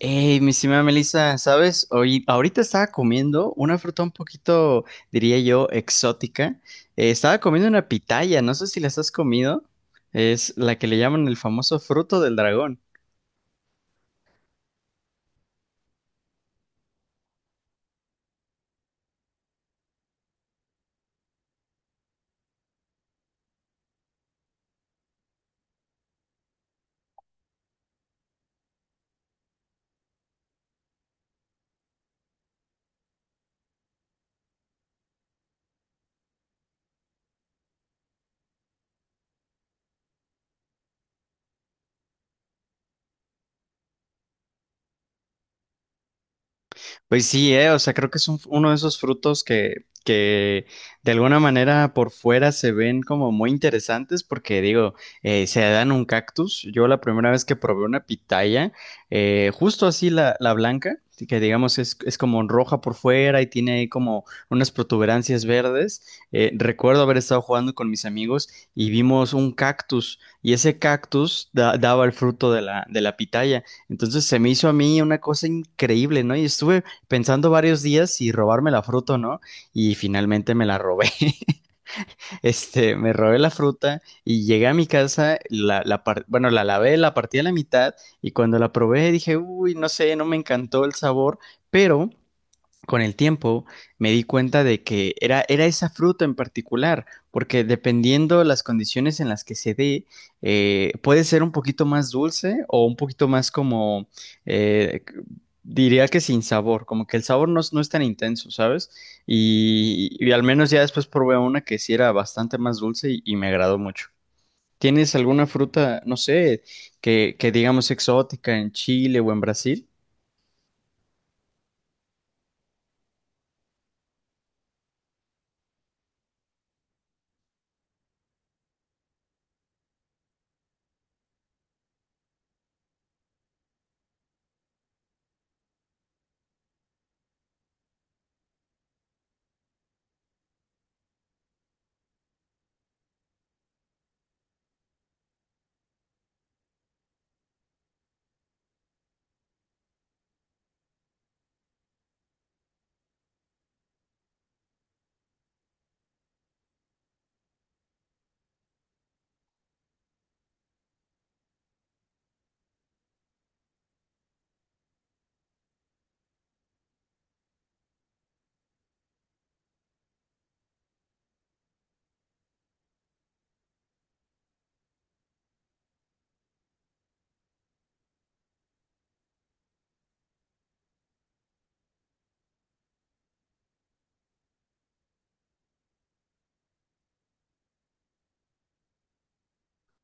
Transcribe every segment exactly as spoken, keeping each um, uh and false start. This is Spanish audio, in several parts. Hey, mi estimada Melissa, ¿sabes? Hoy, ahorita estaba comiendo una fruta un poquito, diría yo, exótica. Eh, estaba comiendo una pitaya, no sé si las has comido. Es la que le llaman el famoso fruto del dragón. Pues sí, eh, o sea, creo que es un- uno de esos frutos que, que de alguna manera por fuera se ven como muy interesantes porque digo, eh, se dan un cactus. Yo la primera vez que probé una pitaya, eh, justo así la, la blanca, sí, que digamos es, es como roja por fuera y tiene ahí como unas protuberancias verdes. Eh, recuerdo haber estado jugando con mis amigos y vimos un cactus y ese cactus da- daba el fruto de la, de la pitaya. Entonces se me hizo a mí una cosa increíble, ¿no? Y estuve pensando varios días si robarme la fruta o no, y finalmente me la robé. Este, me robé la fruta y llegué a mi casa, la, la par- bueno, la lavé, la partí a la mitad y cuando la probé dije, uy, no sé, no me encantó el sabor, pero con el tiempo me di cuenta de que era, era esa fruta en particular, porque dependiendo las condiciones en las que se dé, eh, puede ser un poquito más dulce o un poquito más como, eh, c- diría que sin sabor, como que el sabor no, es no es tan intenso, ¿sabes? Y, y al menos ya después probé una que sí era bastante más dulce y, y me agradó mucho. ¿Tienes alguna fruta, no sé, que, que digamos exótica en Chile o en Brasil?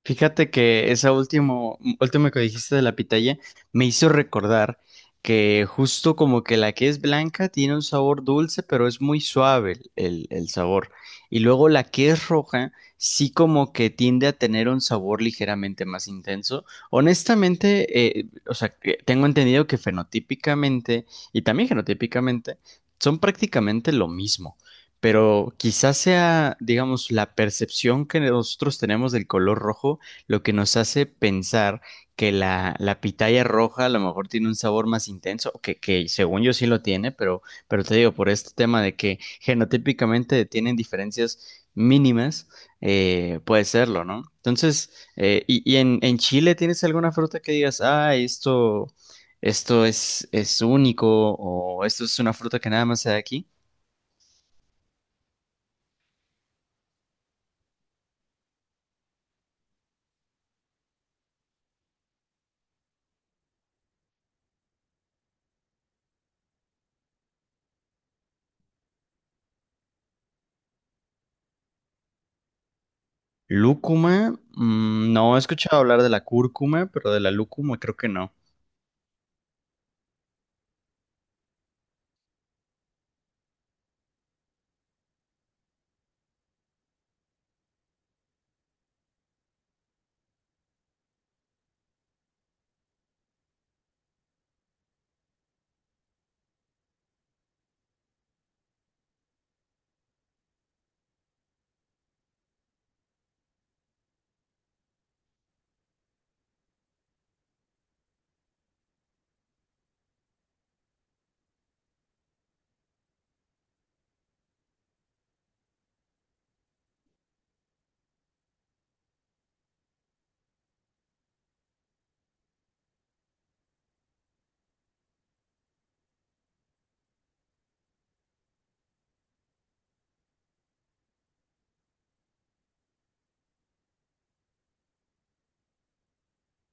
Fíjate que esa último, última que dijiste de la pitaya me hizo recordar que justo como que la que es blanca tiene un sabor dulce, pero es muy suave el, el- el sabor. Y luego la que es roja sí como que tiende a tener un sabor ligeramente más intenso. Honestamente, eh, o sea, que tengo entendido que fenotípicamente y también genotípicamente son prácticamente lo mismo, pero quizás sea, digamos, la percepción que nosotros tenemos del color rojo lo que nos hace pensar que la, la pitaya roja a lo mejor tiene un sabor más intenso, que, que según yo sí lo tiene, pero, pero te digo, por este tema de que genotípicamente tienen diferencias mínimas, eh, puede serlo, ¿no? Entonces, eh, y, y en, en Chile, ¿tienes alguna fruta que digas, ah, esto, esto es, es único o esto es una fruta que nada más se da aquí? Lúcuma, mm, no he escuchado hablar de la cúrcuma, pero de la lúcuma creo que no.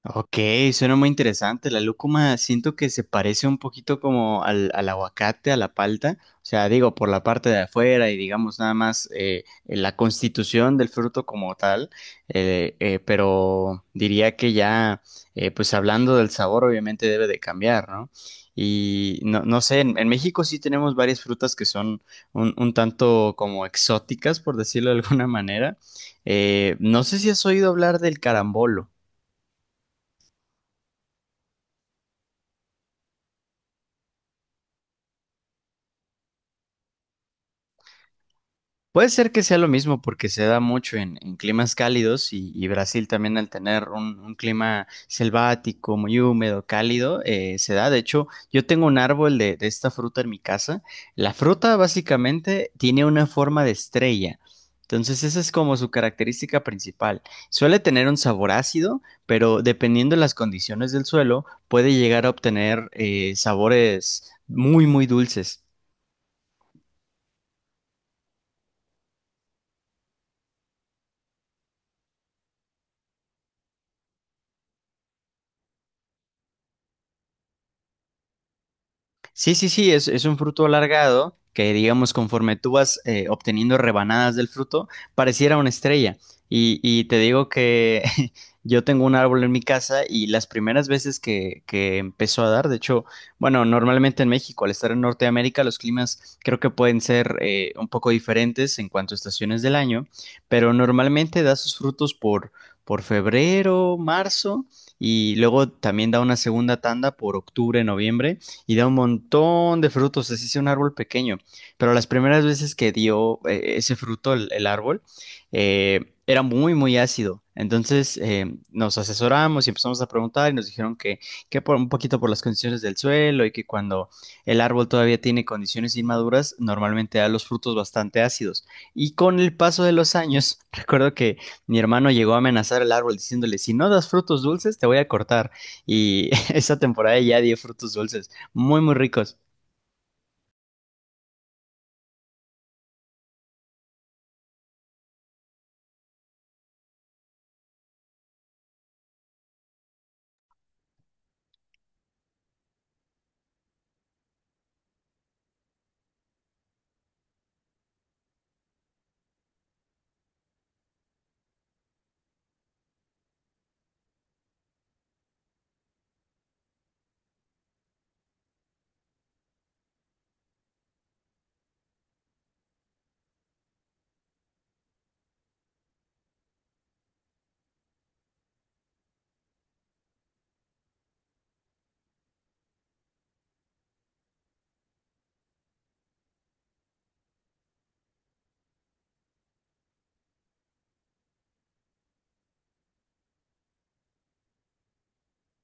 Ok, suena muy interesante. La lúcuma siento que se parece un poquito como al, al aguacate, a la palta. O sea, digo, por la parte de afuera y digamos nada más eh, la constitución del fruto como tal. Eh, eh, pero diría que ya, eh, pues hablando del sabor, obviamente debe de cambiar, ¿no? Y no, no sé, en, en México sí tenemos varias frutas que son un, un tanto como exóticas, por decirlo de alguna manera. Eh, no sé si has oído hablar del carambolo. Puede ser que sea lo mismo porque se da mucho en, en climas cálidos y, y Brasil también al tener un, un clima selvático, muy húmedo, cálido, eh, se da. De hecho, yo tengo un árbol de, de esta fruta en mi casa. La fruta básicamente tiene una forma de estrella. Entonces, esa es como su característica principal. Suele tener un sabor ácido, pero dependiendo de las condiciones del suelo, puede llegar a obtener eh, sabores muy, muy dulces. Sí, sí, sí, es, es un fruto alargado que, digamos, conforme tú vas eh, obteniendo rebanadas del fruto, pareciera una estrella. Y, y te digo que yo tengo un árbol en mi casa y las primeras veces que, que empezó a dar, de hecho, bueno, normalmente en México, al estar en Norteamérica, los climas creo que pueden ser eh, un poco diferentes en cuanto a estaciones del año, pero normalmente da sus frutos por, por febrero, marzo. Y luego también da una segunda tanda por octubre, noviembre y da un montón de frutos, así sea un árbol pequeño. Pero las primeras veces que dio eh, ese fruto el, el árbol, eh, era muy, muy ácido. Entonces eh, nos asesoramos y empezamos a preguntar y nos dijeron que, que por un poquito por las condiciones del suelo y que cuando el árbol todavía tiene condiciones inmaduras, normalmente da los frutos bastante ácidos. Y con el paso de los años, recuerdo que mi hermano llegó a amenazar al árbol diciéndole, si no das frutos dulces, te voy a cortar. Y esa temporada ya dio frutos dulces. Muy, muy ricos.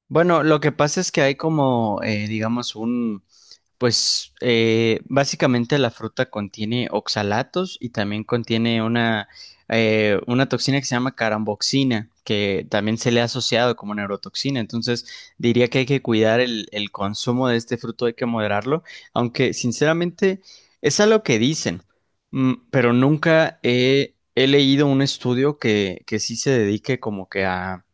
Bueno, lo que pasa es que hay como, eh, digamos, un, pues eh, básicamente la fruta contiene oxalatos y también contiene una, eh, una toxina que se llama caramboxina, que también se le ha asociado como neurotoxina. Entonces diría que hay que cuidar el, el consumo de este fruto, hay que moderarlo, aunque sinceramente es algo que dicen, mm, pero nunca he, he leído un estudio que, que sí se dedique como que a,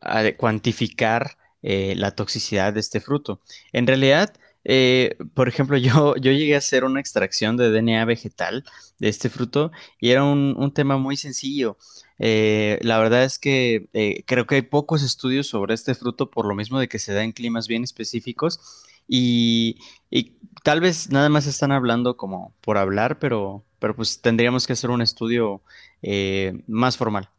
a cuantificar eh, la toxicidad de este fruto. En realidad... Eh, por ejemplo, yo, yo llegué a hacer una extracción de D N A vegetal de este fruto y era un, un tema muy sencillo. Eh, la verdad es que eh, creo que hay pocos estudios sobre este fruto por lo mismo de que se da en climas bien específicos y, y tal vez nada más están hablando como por hablar, pero, pero pues tendríamos que hacer un estudio eh, más formal.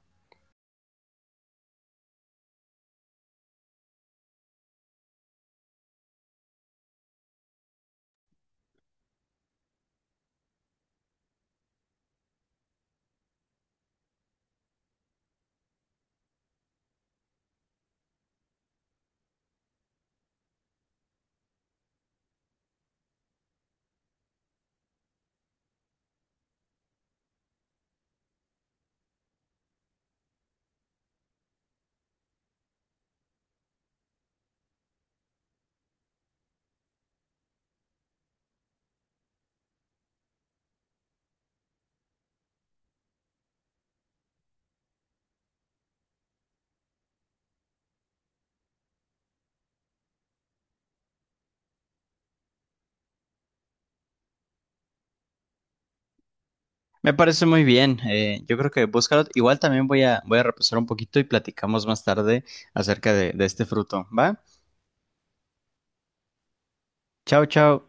Me parece muy bien. Eh, yo creo que búscalo. Igual también voy a, voy a repasar un poquito y platicamos más tarde acerca de, de este fruto. ¿Va? Chao, chao.